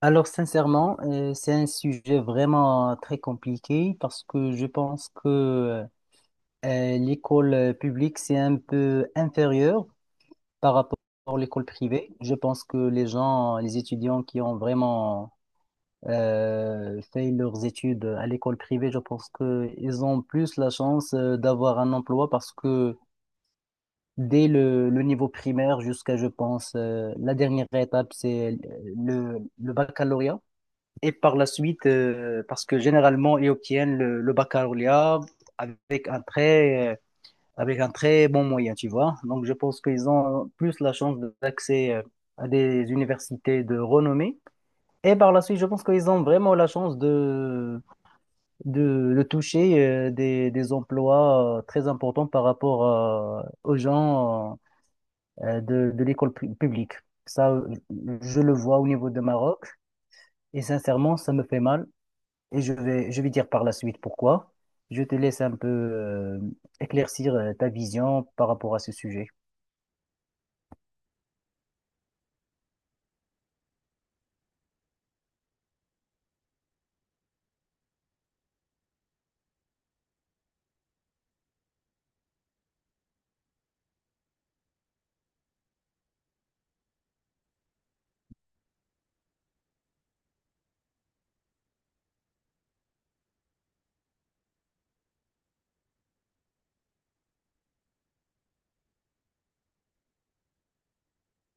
Alors, sincèrement, c'est un sujet vraiment très compliqué parce que je pense que l'école publique, c'est un peu inférieur par rapport à l'école privée. Je pense que les gens, les étudiants qui ont vraiment fait leurs études à l'école privée, je pense qu'ils ont plus la chance d'avoir un emploi parce que dès le niveau primaire jusqu'à, je pense, la dernière étape, c'est le baccalauréat. Et par la suite, parce que généralement, ils obtiennent le baccalauréat avec avec un très bon moyen, tu vois. Donc, je pense qu'ils ont plus la chance d'accès à des universités de renommée. Et par la suite, je pense qu'ils ont vraiment la chance de toucher des emplois très importants par rapport aux gens de l'école publique. Ça, euh, je le vois au niveau de Maroc. Et sincèrement, ça me fait mal et je vais dire par la suite pourquoi. Je te laisse un peu éclaircir ta vision par rapport à ce sujet.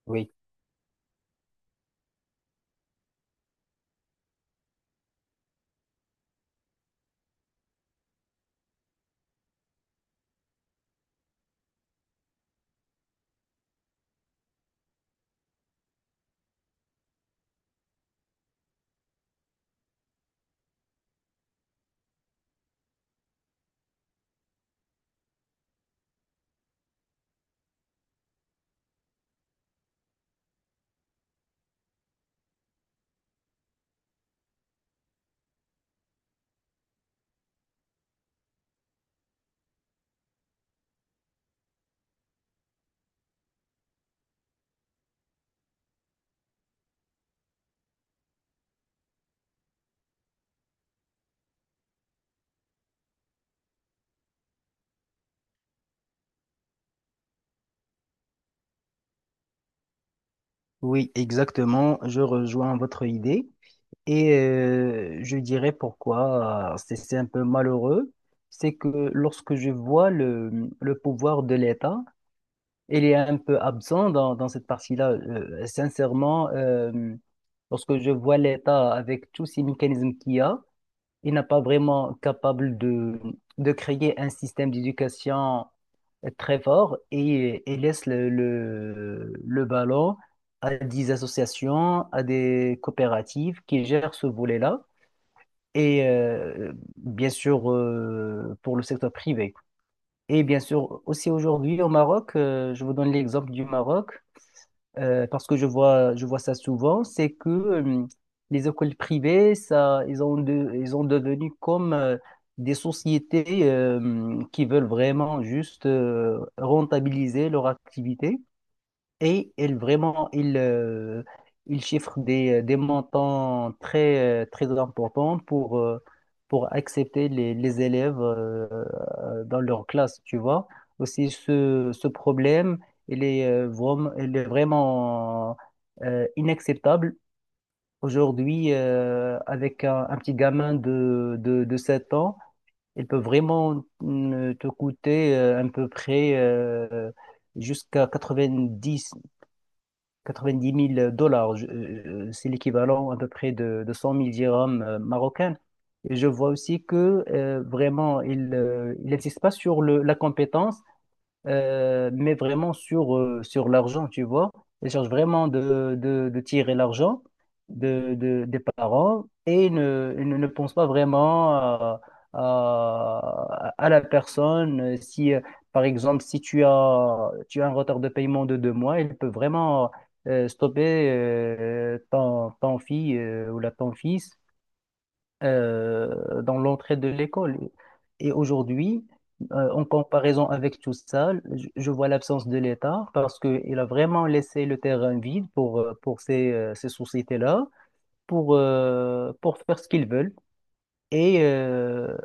Oui, oui, exactement. Je rejoins votre idée et je dirais pourquoi c'est un peu malheureux. C'est que lorsque je vois le pouvoir de l'État, il est un peu absent dans cette partie-là. Sincèrement, lorsque je vois l'État avec tous ces mécanismes qu'il y a, il n'a pas vraiment capable de créer un système d'éducation très fort et laisse le ballon à des associations, à des coopératives qui gèrent ce volet-là. Et bien sûr, pour le secteur privé. Et bien sûr, aussi aujourd'hui au Maroc, je vous donne l'exemple du Maroc parce que je vois ça souvent, c'est que les écoles privées, ça, ils ont devenu comme des sociétés qui veulent vraiment juste rentabiliser leur activité. Et il chiffre des montants très importants pour accepter les élèves dans leur classe, tu vois. Aussi, ce problème, il est vraiment inacceptable. Aujourd'hui, avec un petit gamin de 7 ans, il peut vraiment te coûter à peu près jusqu'à dix 90 000 dollars, c'est l'équivalent à peu près de 100 000 dirhams marocaines. Et je vois aussi que vraiment, il insiste pas sur la compétence, mais vraiment sur l'argent, tu vois. Ils cherchent vraiment de tirer l'argent des parents et ne pensent pas vraiment à la personne. Si, Par exemple, si tu as un retard de paiement de 2 mois, il peut vraiment stopper ton fille ou la ton fils dans l'entrée de l'école. Et aujourd'hui, en comparaison avec tout ça, je vois l'absence de l'État parce qu'il a vraiment laissé le terrain vide pour ces sociétés-là, pour faire ce qu'ils veulent. Et euh,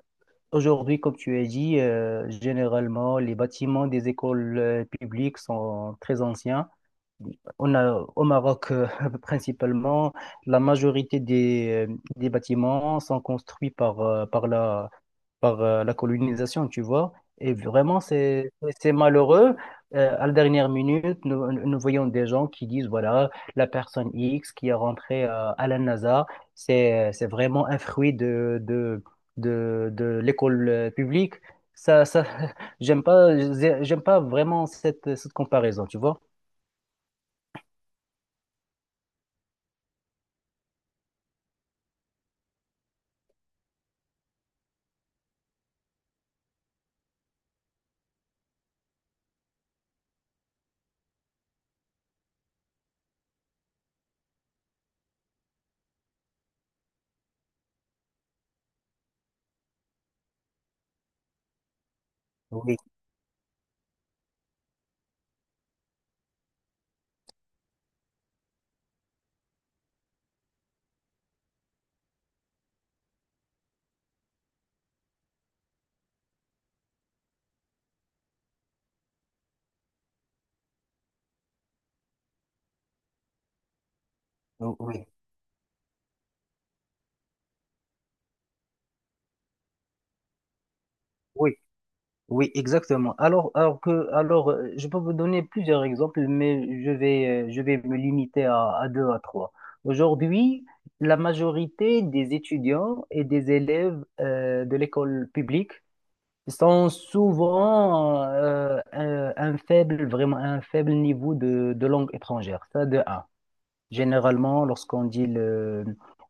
Aujourd'hui, comme tu as dit, généralement, les bâtiments des écoles publiques sont très anciens. On a au Maroc principalement, la majorité des bâtiments sont construits par, par la colonisation, tu vois. Et vraiment, c'est malheureux. À la dernière minute, nous voyons des gens qui disent, voilà, la personne X qui est rentrée à la NASA, c'est vraiment un fruit de l'école publique. Ça, ça, j'aime pas, j'aime pas vraiment cette comparaison, tu vois. Oui, oui. Oui, oui, exactement. Alors, je peux vous donner plusieurs exemples, mais je vais me limiter à 2, à 3. Aujourd'hui, la majorité des étudiants et des élèves de l'école publique sont souvent vraiment un faible niveau de langue étrangère. Ça, de un. Généralement, lorsqu'on dit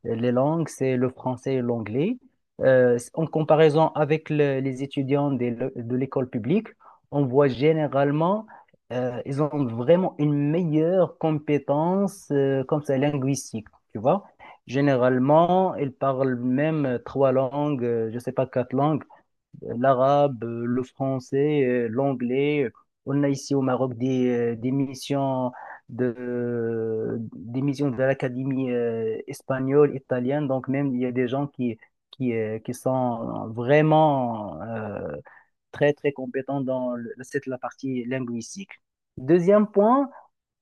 les langues, c'est le français et l'anglais. En comparaison avec les étudiants de l'école publique, on voit généralement, ils ont vraiment une meilleure compétence, comme ça, linguistique, tu vois. Généralement, ils parlent même 3 langues, je ne sais pas, 4 langues l'arabe, le français, l'anglais. On a ici au Maroc euh, des missions des missions de l'Académie espagnole, italienne. Donc même, il y a des gens qui sont vraiment très compétents dans la partie linguistique. Deuxième point,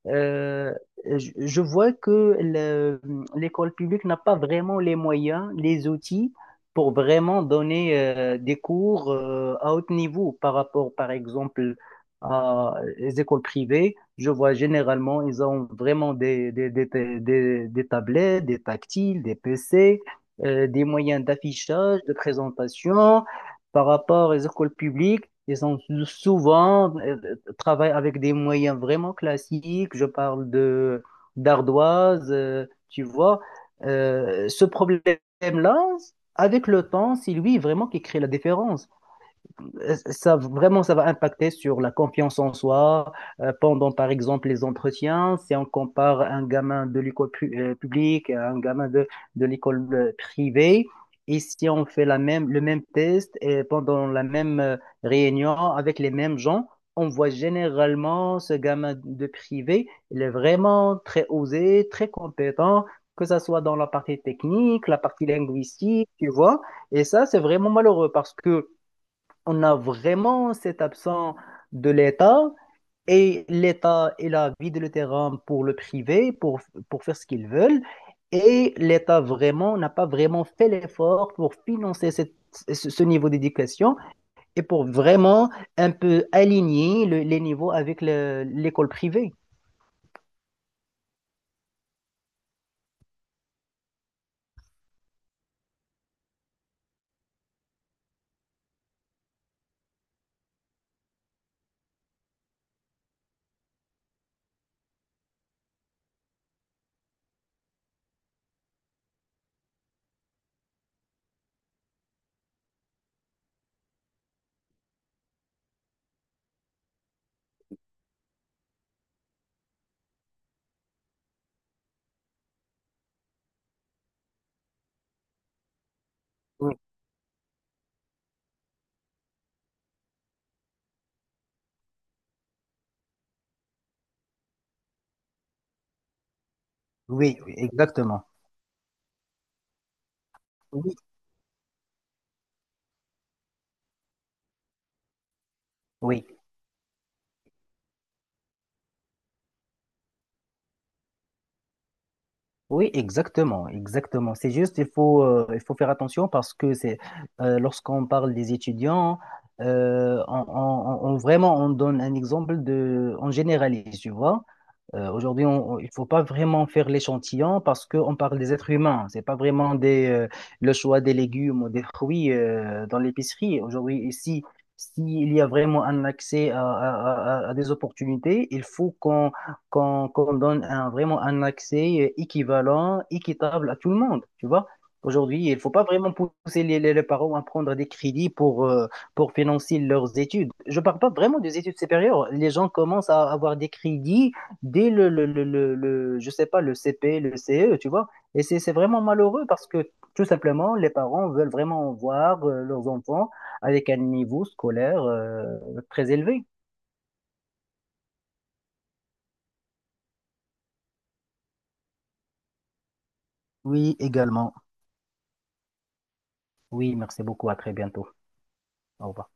euh, je vois que l'école publique n'a pas vraiment les moyens, les outils pour vraiment donner des cours à haut niveau par rapport, par exemple, à les écoles privées. Je vois généralement, ils ont vraiment des tablettes, des tactiles, des PC, des moyens d'affichage, de présentation par rapport aux écoles publiques, ils ont souvent travaillent avec des moyens vraiment classiques. Je parle de d'ardoise, tu vois. Ce problème-là, avec le temps, c'est lui vraiment qui crée la différence. Ça vraiment ça va impacter sur la confiance en soi pendant par exemple les entretiens. Si on compare un gamin de l'école publique à un gamin de l'école privée et si on fait la même le même test et pendant la même réunion avec les mêmes gens, on voit généralement ce gamin de privé, il est vraiment très osé, très compétent, que ça soit dans la partie technique, la partie linguistique, tu vois. Et ça, c'est vraiment malheureux parce que on a vraiment cette absence de l'État, et l'État, il a vidé le terrain pour le privé, pour faire ce qu'ils veulent. Et l'État vraiment n'a pas vraiment fait l'effort pour financer ce niveau d'éducation et pour vraiment un peu aligner les niveaux avec l'école privée. Oui, oui, oui, exactement. Oui, oui. Oui, exactement, exactement. C'est juste, il faut faire attention parce que c'est lorsqu'on parle des étudiants, vraiment on donne un exemple de, on généralise, tu vois. Aujourd'hui, il faut pas vraiment faire l'échantillon parce qu'on parle des êtres humains. C'est pas vraiment le choix des légumes ou des fruits dans l'épicerie. Aujourd'hui, ici, s'il y a vraiment un accès à des opportunités, il faut qu'on donne vraiment un accès équivalent, équitable à tout le monde. Tu vois? Aujourd'hui, il faut pas vraiment pousser les parents à prendre des crédits pour financer leurs études. Je parle pas vraiment des études supérieures. Les gens commencent à avoir des crédits dès je sais pas, le CP, le CE, tu vois. Et c'est vraiment malheureux parce que tout simplement, les parents veulent vraiment voir leurs enfants avec un niveau scolaire très élevé. Oui, également. Oui, merci beaucoup. À très bientôt. Au revoir.